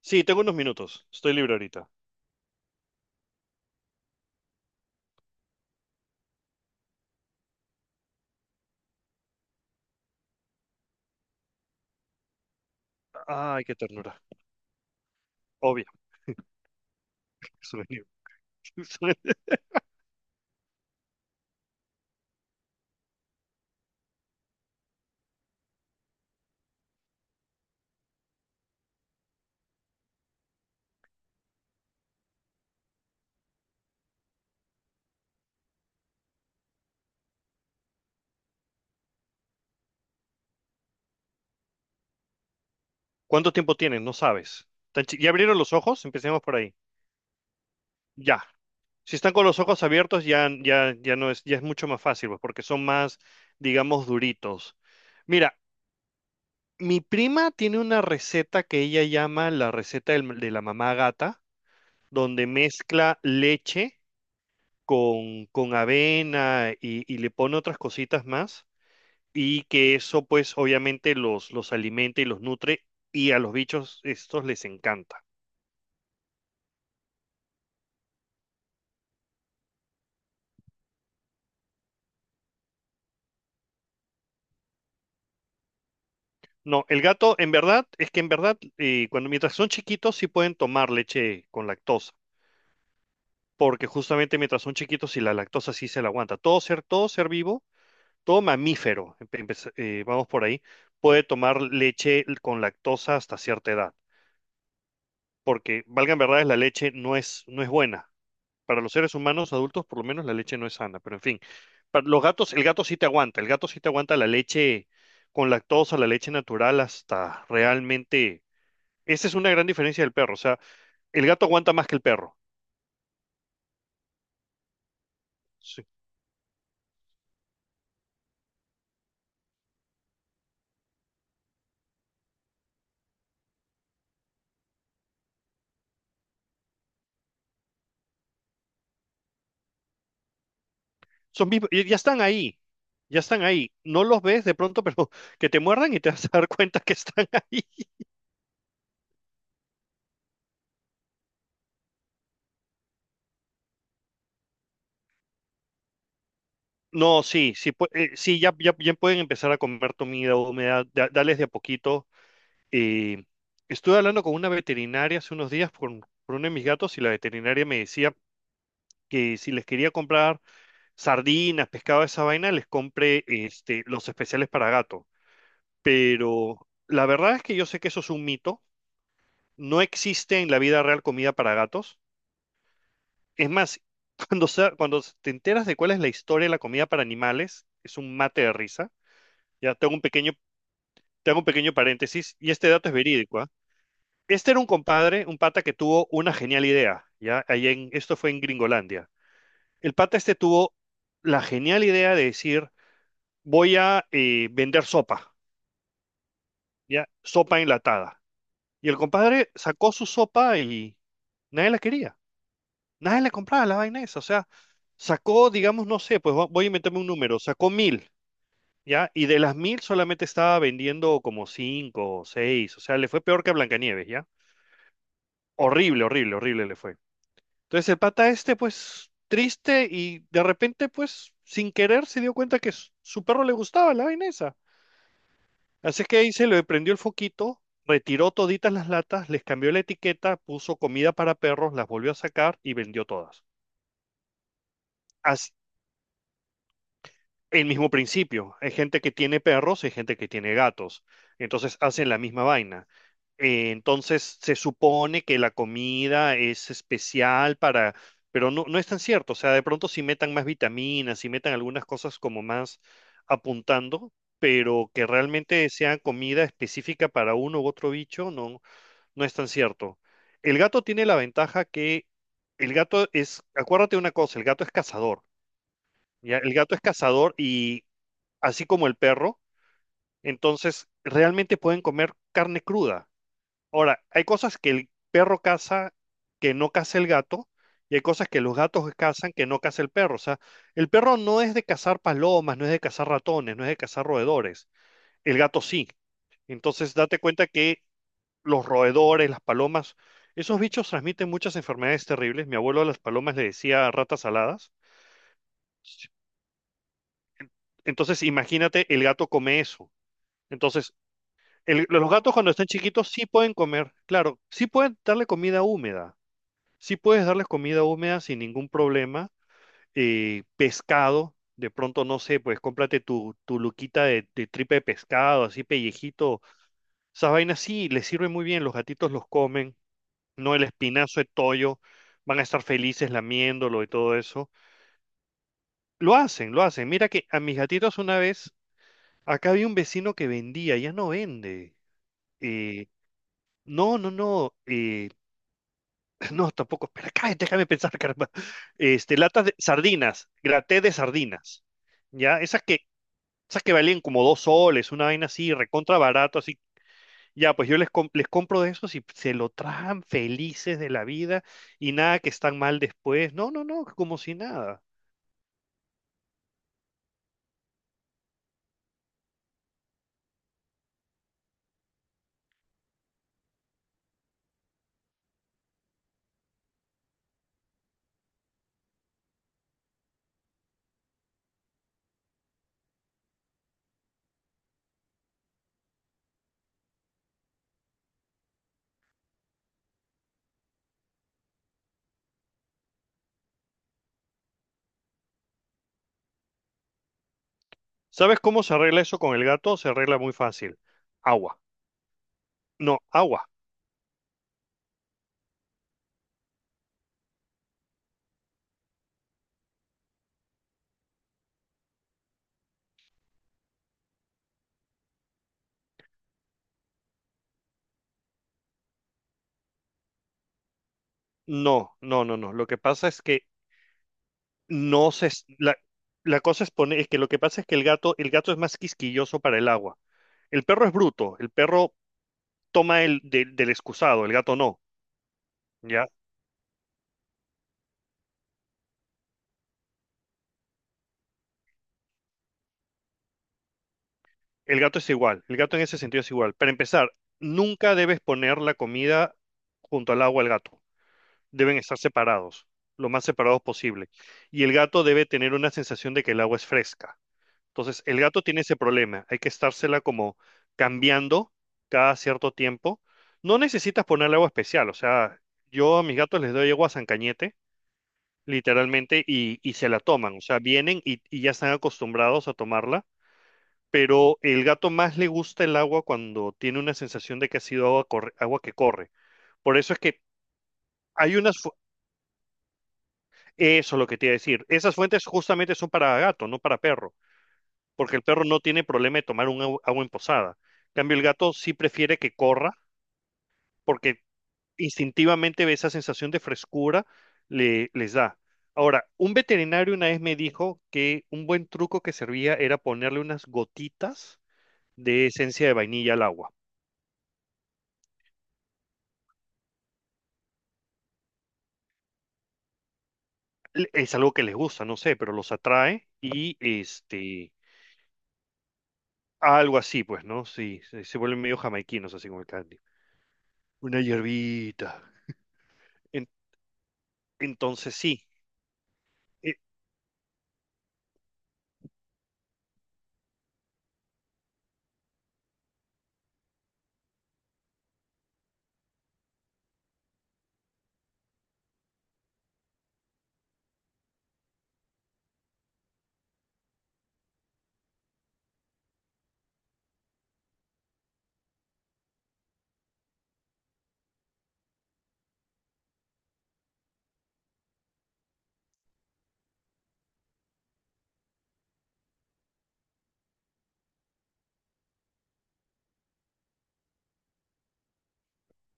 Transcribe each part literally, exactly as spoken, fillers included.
Sí, tengo unos minutos. Estoy libre ahorita. Ay, qué ternura. Obvio. Porque soy libre. ¿Cuánto tiempo tienen? No sabes. Tan chi- ¿Ya abrieron los ojos? Empecemos por ahí. Ya. Si están con los ojos abiertos, ya, ya, ya no es, ya es mucho más fácil, pues, porque son más, digamos, duritos. Mira, mi prima tiene una receta que ella llama la receta del- de la mamá gata, donde mezcla leche con, con avena y, y le pone otras cositas más, y que eso pues obviamente los, los alimenta y los nutre, y a los bichos estos les encanta. No, el gato en verdad, es que en verdad, eh, cuando mientras son chiquitos sí pueden tomar leche con lactosa, porque justamente mientras son chiquitos y la lactosa sí se la aguanta. Todo ser, todo ser vivo, todo mamífero, empe- empe- eh, vamos por ahí, puede tomar leche con lactosa hasta cierta edad, porque, valgan verdades, la leche no es, no es buena. Para los seres humanos adultos, por lo menos, la leche no es sana, pero en fin, para los gatos, el gato sí te aguanta, el gato sí te aguanta la leche con lactosa, la leche natural, hasta realmente... Esa es una gran diferencia del perro, o sea, el gato aguanta más que el perro. Sí. Son vivos, y ya están ahí, ya están ahí. No los ves de pronto, pero que te muerdan y te vas a dar cuenta que están ahí. No, sí, sí, pu- eh, sí ya, ya, ya pueden empezar a comer comida húmeda, da- dales de a poquito. Eh, estuve hablando con una veterinaria hace unos días por, por uno de mis gatos, y la veterinaria me decía que si les quería comprar sardinas, pescado, esa vaina, les compre este, los especiales para gato. Pero la verdad es que yo sé que eso es un mito. No existe en la vida real comida para gatos. Es más, cuando, sea- cuando te enteras de cuál es la historia de la comida para animales, es un mate de risa. Ya tengo un pequeño Te hago un pequeño paréntesis, y este dato es verídico, ¿ah? Este era un compadre, un pata que tuvo una genial idea, ¿ya? Ahí en, esto fue en Gringolandia. El pata este tuvo la genial idea de decir, voy a eh, vender sopa, ¿ya? Sopa enlatada. Y el compadre sacó su sopa y nadie la quería, nadie le compraba, la vaina esa. O sea, sacó, digamos, no sé, pues vo- voy a inventarme un número, sacó mil, ¿ya? Y de las mil solamente estaba vendiendo como cinco o seis, o sea, le fue peor que a Blancanieves, ¿ya? Horrible, horrible, horrible le fue. Entonces el pata este, pues, triste y de repente, pues, sin querer se dio cuenta que su su perro le gustaba la vaina esa. Así que ahí se le prendió el foquito, retiró toditas las latas, les cambió la etiqueta, puso comida para perros, las volvió a sacar y vendió todas. Así- el mismo principio. Hay gente que tiene perros y hay gente que tiene gatos. Entonces hacen la misma vaina. Eh, entonces se supone que la comida es especial para, pero no, no es tan cierto. O sea, de pronto si metan más vitaminas, si metan algunas cosas como más apuntando, pero que realmente sea comida específica para uno u otro bicho, no, no es tan cierto. El gato tiene la ventaja que el gato es, acuérdate de una cosa, el gato es cazador. ¿Ya? El gato es cazador y así como el perro, entonces realmente pueden comer carne cruda. Ahora, hay cosas que el perro caza que no caza el gato, y hay cosas que los gatos cazan que no caza el perro. O sea, el perro no es de cazar palomas, no es de cazar ratones, no es de cazar roedores. El gato sí. Entonces, date cuenta que los roedores, las palomas, esos bichos transmiten muchas enfermedades terribles. Mi abuelo a las palomas le decía ratas aladas. Entonces, imagínate, el gato come eso. Entonces, el- los gatos cuando están chiquitos sí pueden comer, claro, sí pueden darle comida húmeda, sí puedes darles comida húmeda sin ningún problema, eh, pescado, de pronto no sé, pues cómprate tu, tu luquita de, de tripa de pescado, así pellejito, esas vainas sí les sirve muy bien, los gatitos los comen, no el espinazo de toyo, van a estar felices lamiéndolo y todo eso, lo hacen, lo hacen, mira que a mis gatitos una vez, acá había un vecino que vendía, ya no vende, eh, no, no, no. eh, No, tampoco. Espera, cállate, déjame pensar, caramba. Este, latas de sardinas, graté de sardinas. Ya, esas que, esas que valían como dos soles, una vaina así, recontra barato, así. Ya, pues yo les, com- les compro de esos y se lo traen felices de la vida y nada que están mal después. No, no, no, como si nada. ¿Sabes cómo se arregla eso con el gato? Se arregla muy fácil. Agua. No, agua. No, no, no, no. Lo que pasa es que no se... es- La, la cosa es, poner, es que lo que pasa es que el gato, el gato es más quisquilloso para el agua. El perro es bruto, el perro toma el del del excusado, el gato no, ¿ya? El gato es igual, el gato en ese sentido es igual. Para empezar, nunca debes poner la comida junto al agua al gato. Deben estar separados, lo más separados posible. Y el gato debe tener una sensación de que el agua es fresca. Entonces, el gato tiene ese problema. Hay que estársela como cambiando cada cierto tiempo. No necesitas ponerle agua especial. O sea, yo a mis gatos les doy agua San Cañete, literalmente, y, y se la toman. O sea, vienen y, y ya están acostumbrados a tomarla. Pero el gato más le gusta el agua cuando tiene una sensación de que ha sido agua, corre- agua que corre. Por eso es que hay unas... fu- Eso es lo que te iba a decir. Esas fuentes justamente son para gato, no para perro. Porque el perro no tiene problema de tomar un agua agua en posada. En cambio, el gato sí prefiere que corra porque instintivamente ve esa sensación de frescura le, les da. Ahora, un veterinario una vez me dijo que un buen truco que servía era ponerle unas gotitas de esencia de vainilla al agua. Le- Es algo que les gusta, no sé, pero los atrae y este, algo así, pues, ¿no? Sí, se, se vuelven medio jamaiquinos, así como el candy. Una hierbita. En- entonces, sí. e-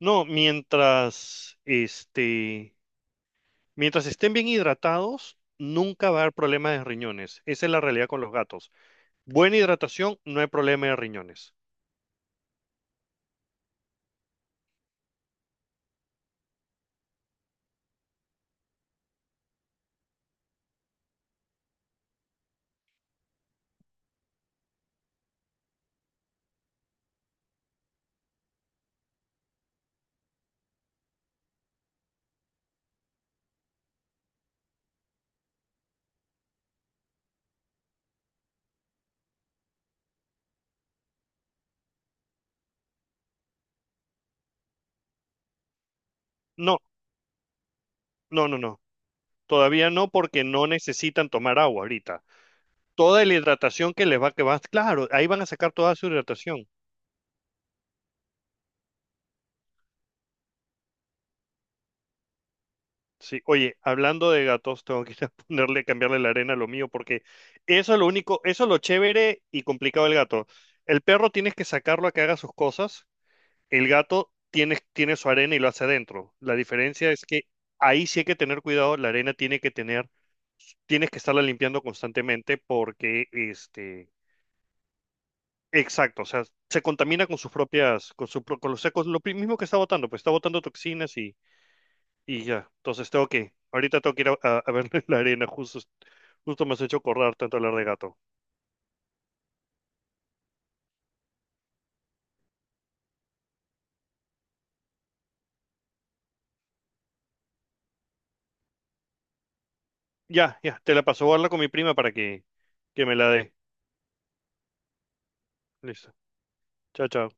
No, mientras, este, mientras estén bien hidratados, nunca va a haber problema de riñones. Esa es la realidad con los gatos. Buena hidratación, no hay problema de riñones. No, no, no, no. Todavía no, porque no necesitan tomar agua ahorita. Toda la hidratación que les va, que va, claro, ahí van a sacar toda su hidratación. Sí, oye, hablando de gatos, tengo que ir a ponerle, cambiarle la arena a lo mío, porque eso es lo único, eso es lo chévere y complicado del gato. El perro tienes que sacarlo a que haga sus cosas. El gato tiene, tiene su arena y lo hace adentro. La diferencia es que ahí sí hay que tener cuidado, la arena tiene que tener, tienes que estarla limpiando constantemente porque, este, exacto, o sea, se contamina con sus propias, con su, pro- con los secos, lo pri- mismo que está botando, pues está botando toxinas y, y ya. Entonces tengo que, ahorita tengo que ir a, a- a verle la arena, justo, justo me has hecho acordar tanto hablar de gato. Ya, ya, te la paso, voy a hablar con mi prima para que, que me la dé. Listo. Chao, chao.